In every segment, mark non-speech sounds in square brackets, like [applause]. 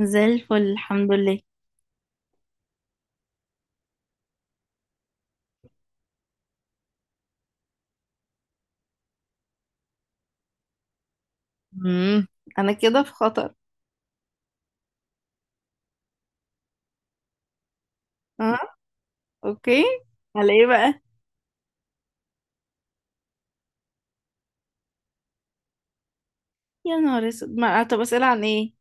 زي الفل، الحمد لله. امم انا كده في خطر. اه. اوكي. على ايه بقى؟ يا نهار اسود، ما طب اسئله عن ايه؟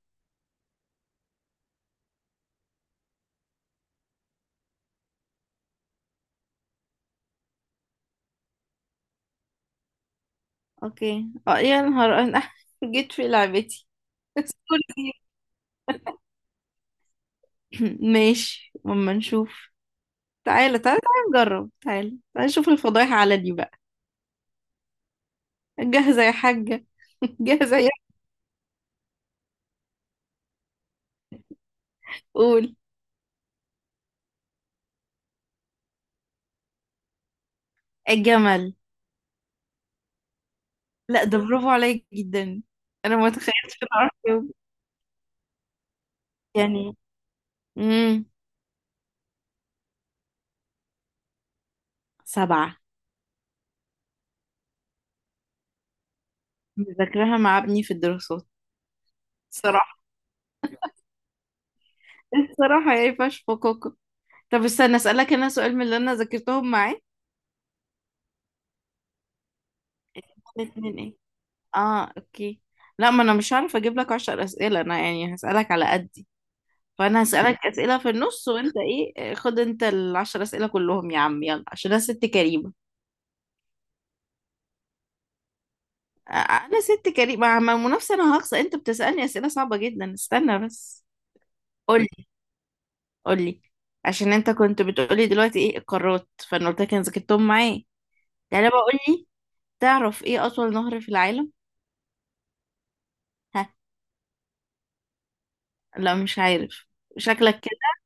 اوكي، اه، يا نهار انا [laughs] جيت في لعبتي. [laughs] سوري. ماشي، اما نشوف. تعالى تعالى تعالى نجرب، تعالى تعالى نشوف الفضايح على دي بقى. جاهزه يا حاجه. [laughs] جاهزه يا. قول. الجمل. لا، ده برافو عليك جدا. انا ما تخيلتش إن أعرف أجاوب. يعني امم سبعه. مذاكراها مع ابني في الدراسات. صراحة. الصراحة يعني فش فكوكو. طب استنى اسألك انا سؤال من اللي انا ذاكرتهم معاك. الاتنين ايه؟ اه اوكي. لا، ما انا مش هعرف اجيب لك عشر اسئلة، انا يعني هسألك على قدي. فانا هسألك اسئلة في النص، وانت ايه، خد انت العشر اسئلة كلهم يا عم، يلا عشان انا ست كريمة. انا ست كريمة مع المنافسة، انا هخسر، انت بتسألني اسئلة صعبة جدا. استنى بس. قولي قولي. عشان انت كنت بتقولي دلوقتي ايه القارات، فانا قلت لك انا ذاكرتهم معايا. يعني بقول لي، تعرف ايه اطول نهر في العالم؟ لا مش عارف، شكلك كده.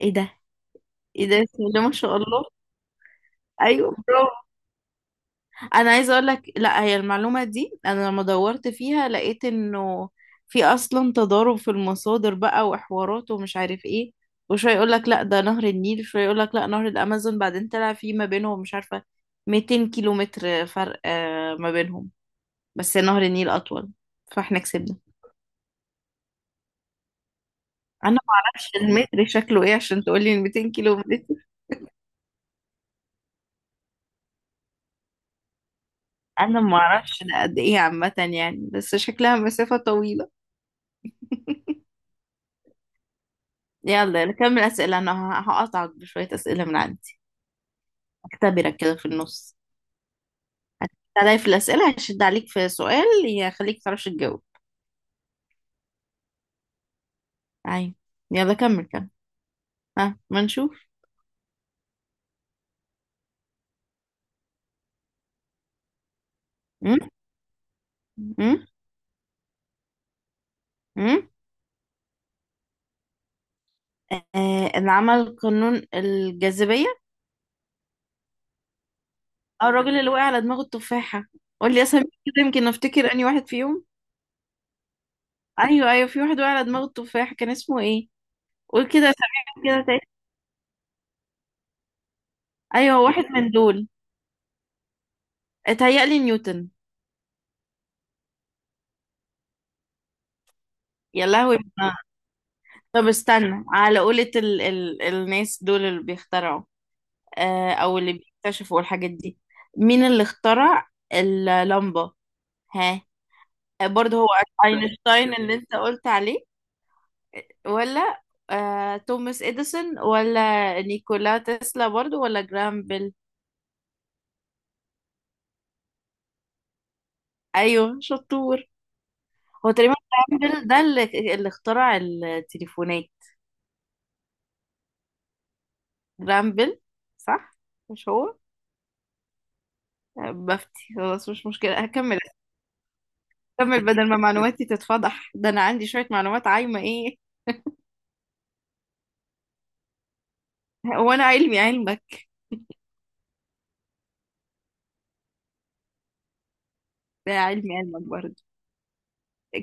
ايه ده، ايه ده، بسم الله ما شاء الله. ايوه، برافو. انا عايزه اقول لك، لا، هي المعلومه دي انا لما دورت فيها لقيت انه في اصلا تضارب في المصادر بقى وحوارات ومش عارف ايه، وشويه يقول لك لا ده نهر النيل، شويه يقول لك لا نهر الامازون، بعدين طلع في ما بينهم مش عارفه 200 كيلو متر فرق ما بينهم، بس نهر النيل اطول، فاحنا كسبنا. انا ما اعرفش المتر شكله ايه عشان تقولي 200 كيلو متر. انا ما اعرفش ده قد ايه عامه يعني، بس شكلها مسافه طويله. [laughs] يلا نكمل اسئله، انا هقطعك بشويه اسئله من عندي، اختبرك كده في النص. هتلاقي في الاسئله هشد عليك في سؤال يخليك تعرفش تجاوب. عين. يلا كمل كمل. ها، ما نشوف. م? م? م? آه، اللي عمل قانون الجاذبيه. اه، الراجل اللي وقع على دماغه التفاحه. قول لي اسامي كده، يمكن افتكر اني واحد فيهم. ايوه ايوه، في واحد وقع على دماغه التفاحه، كان اسمه ايه؟ قول كده اسامي كده. ايوه، واحد من دول. اتهيألي نيوتن. يا لهوي. طب استنى، على قولة ال الناس دول اللي بيخترعوا، او اللي بيكتشفوا الحاجات دي، مين اللي اخترع اللمبة؟ ها؟ برضه هو اينشتاين اللي انت قلت عليه، ولا توماس اديسون، ولا نيكولا تسلا برضه، ولا جرام بيل؟ ايوه، شطور. هو تقريبا. جرام بيل ده اللي اخترع التليفونات. جرام بيل، صح؟ مش هو؟ بفتي خلاص، مش مشكلة، هكمل. هكمل بدل ما معلوماتي تتفضح، ده أنا عندي شوية معلومات عايمة إيه. وأنا علمي علمك. ده علمي علمك برضه.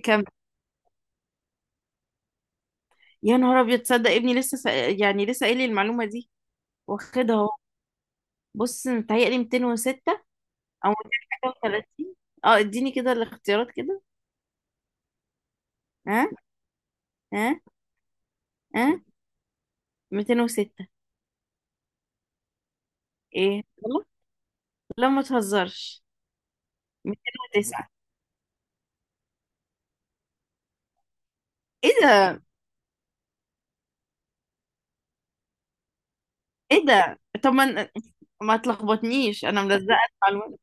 كمل. يا نهار أبيض، تصدق ابني لسه يعني لسه قايل لي المعلومة دي، واخدها أهو. بص، متهيألي 206، أو 230. اديني كده الاختيارات كده. ها ها ها. 206. إيه غلط؟ لا، ما تهزرش. 209. إيه ده، إيه ده، طب ما تلخبطنيش أنا ملزقة. المعلومات.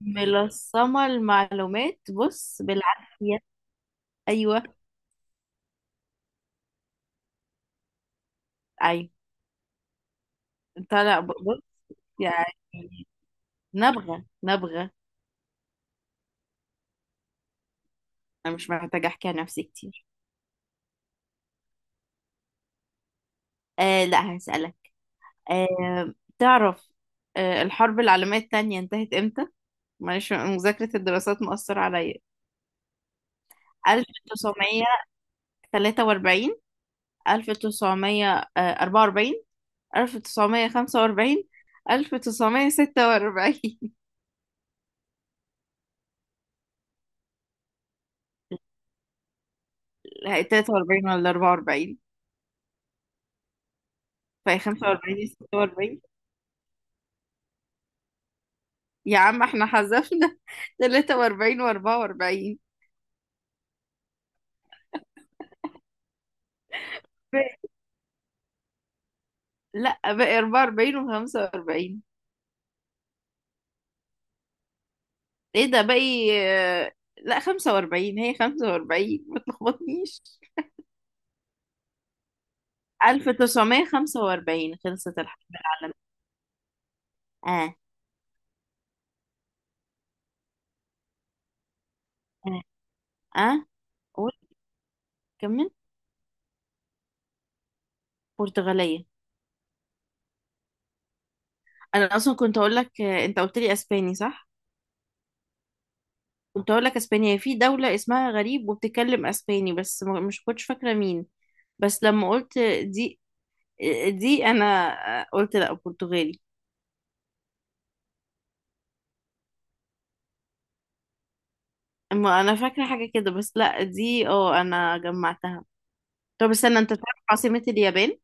ملصمة المعلومات بص بالعافية. أيوه. أيوه. أنت لا، بص. يعني. نبغة نبغة. أنا مش محتاجة أحكي عن نفسي كتير. آه، لا هسألك. آه. تعرف. الحرب العالمية التانية انتهت إمتى؟ معلش، مذاكرة الدراسات مؤثرة عليا. 1943، 1944، 1945، 1946. 43، 43 [laughs] ولا 44؟ فهي 45 يا 46. يا عم احنا حذفنا [laughs] 43 و44. لا، باقي 44 و45. ايه ده، باقي لا 45، هي 45، ما تلخبطنيش. 1945 خلصت الحرب العالمية. اه اه اه. قول. كمل. برتغالية. انا اصلا كنت اقول لك، انت قلت لي اسباني صح؟ كنت اقول لك اسبانيا هي، في دولة اسمها غريب وبتتكلم اسباني، بس مش كنتش فاكرة مين. بس لما قلت دي دي انا قلت لا برتغالي. اما انا فاكره حاجه كده، بس لا دي انا جمعتها. طب استنى، انت تعرف عاصمه اليابان؟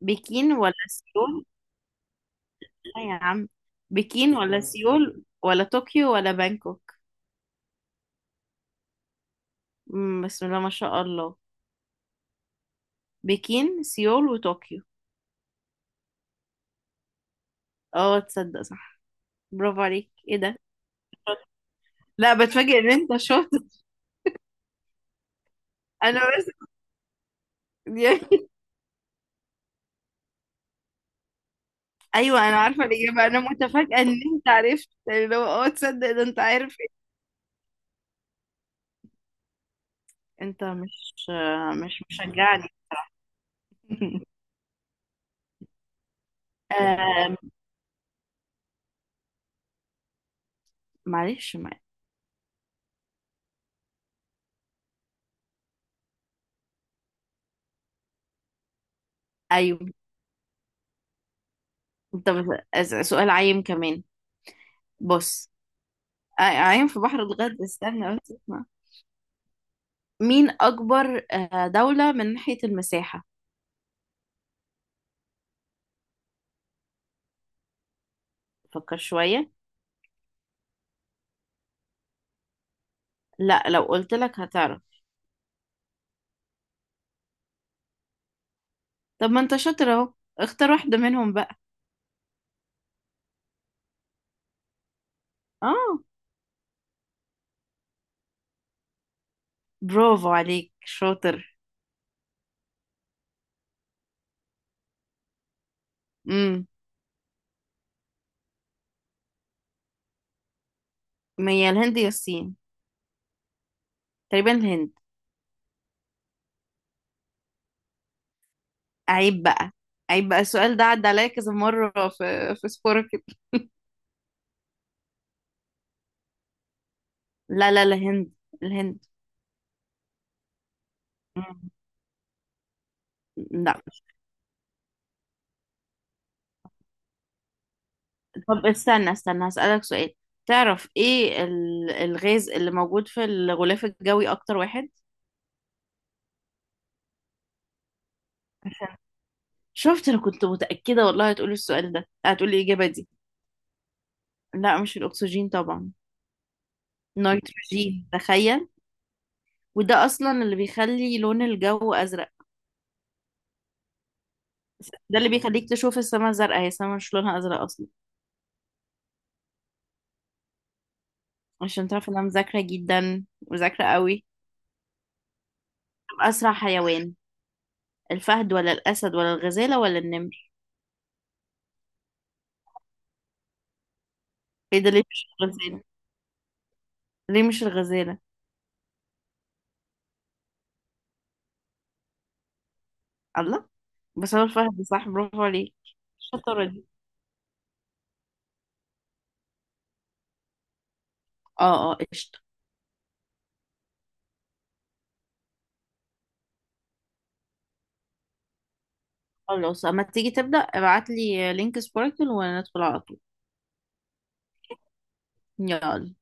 بكين ولا سيول؟ لا يا عم. بكين ولا سيول ولا طوكيو ولا بانكوك؟ مم، بسم الله ما شاء الله. بكين، سيول، وطوكيو. اه، تصدق صح؟ برافو عليك. ايه ده؟ لا، بتفاجئ ان انت شاطر. [laughs] انا بس. يعني [laughs] ايوه، انا عارفه الاجابه، انا متفاجئه ان انت عرفت. اللي هو تصدق ده انت عارف. انت مش. مش مشجعني. [laughs] آه. معلش ما. ايوه. انت بس... سؤال عايم كمان. بص. عايم في بحر الغد، استنى بس اسمع. مين اكبر دولة من ناحية المساحة؟ فكر شوية. لا، لو قلت لك هتعرف. طب ما انت شاطر اهو، اختار واحدة منهم بقى. اه. برافو عليك، شاطر. امم. ما هي الهند يا الصين؟ تقريبا الهند. عيب بقى. عيب بقى، السؤال ده عدى عليا كذا مرة في سبورك. لا لا، الهند. الهند. مم. لا. طب استنى استنى، هسألك سؤال. تعرف ايه الغاز اللي موجود في الغلاف الجوي اكتر واحد؟ عشان شفت، انا كنت متأكدة والله هتقولي السؤال ده، هتقولي الإجابة دي. لا، مش الأكسجين طبعا. نيتروجين، تخيل. وده أصلا اللي بيخلي لون الجو أزرق. ده اللي بيخليك تشوف السماء زرقاء، هي السماء مش لونها أزرق أصلا. عشان تعرف إن أنا مذاكرة جدا، مذاكرة قوي. أسرع حيوان، الفهد ولا الأسد ولا الغزالة ولا النمر؟ ايه ده، ليه مش الغزالة؟ ليه مش الغزالة؟ الله. بس هو الفهد صح، برافو عليك. الشطارة دي. اه اه قشطة. خلاص اما تيجي تبدأ ابعتلي لينك سباركل، وندخل على طول. يلا.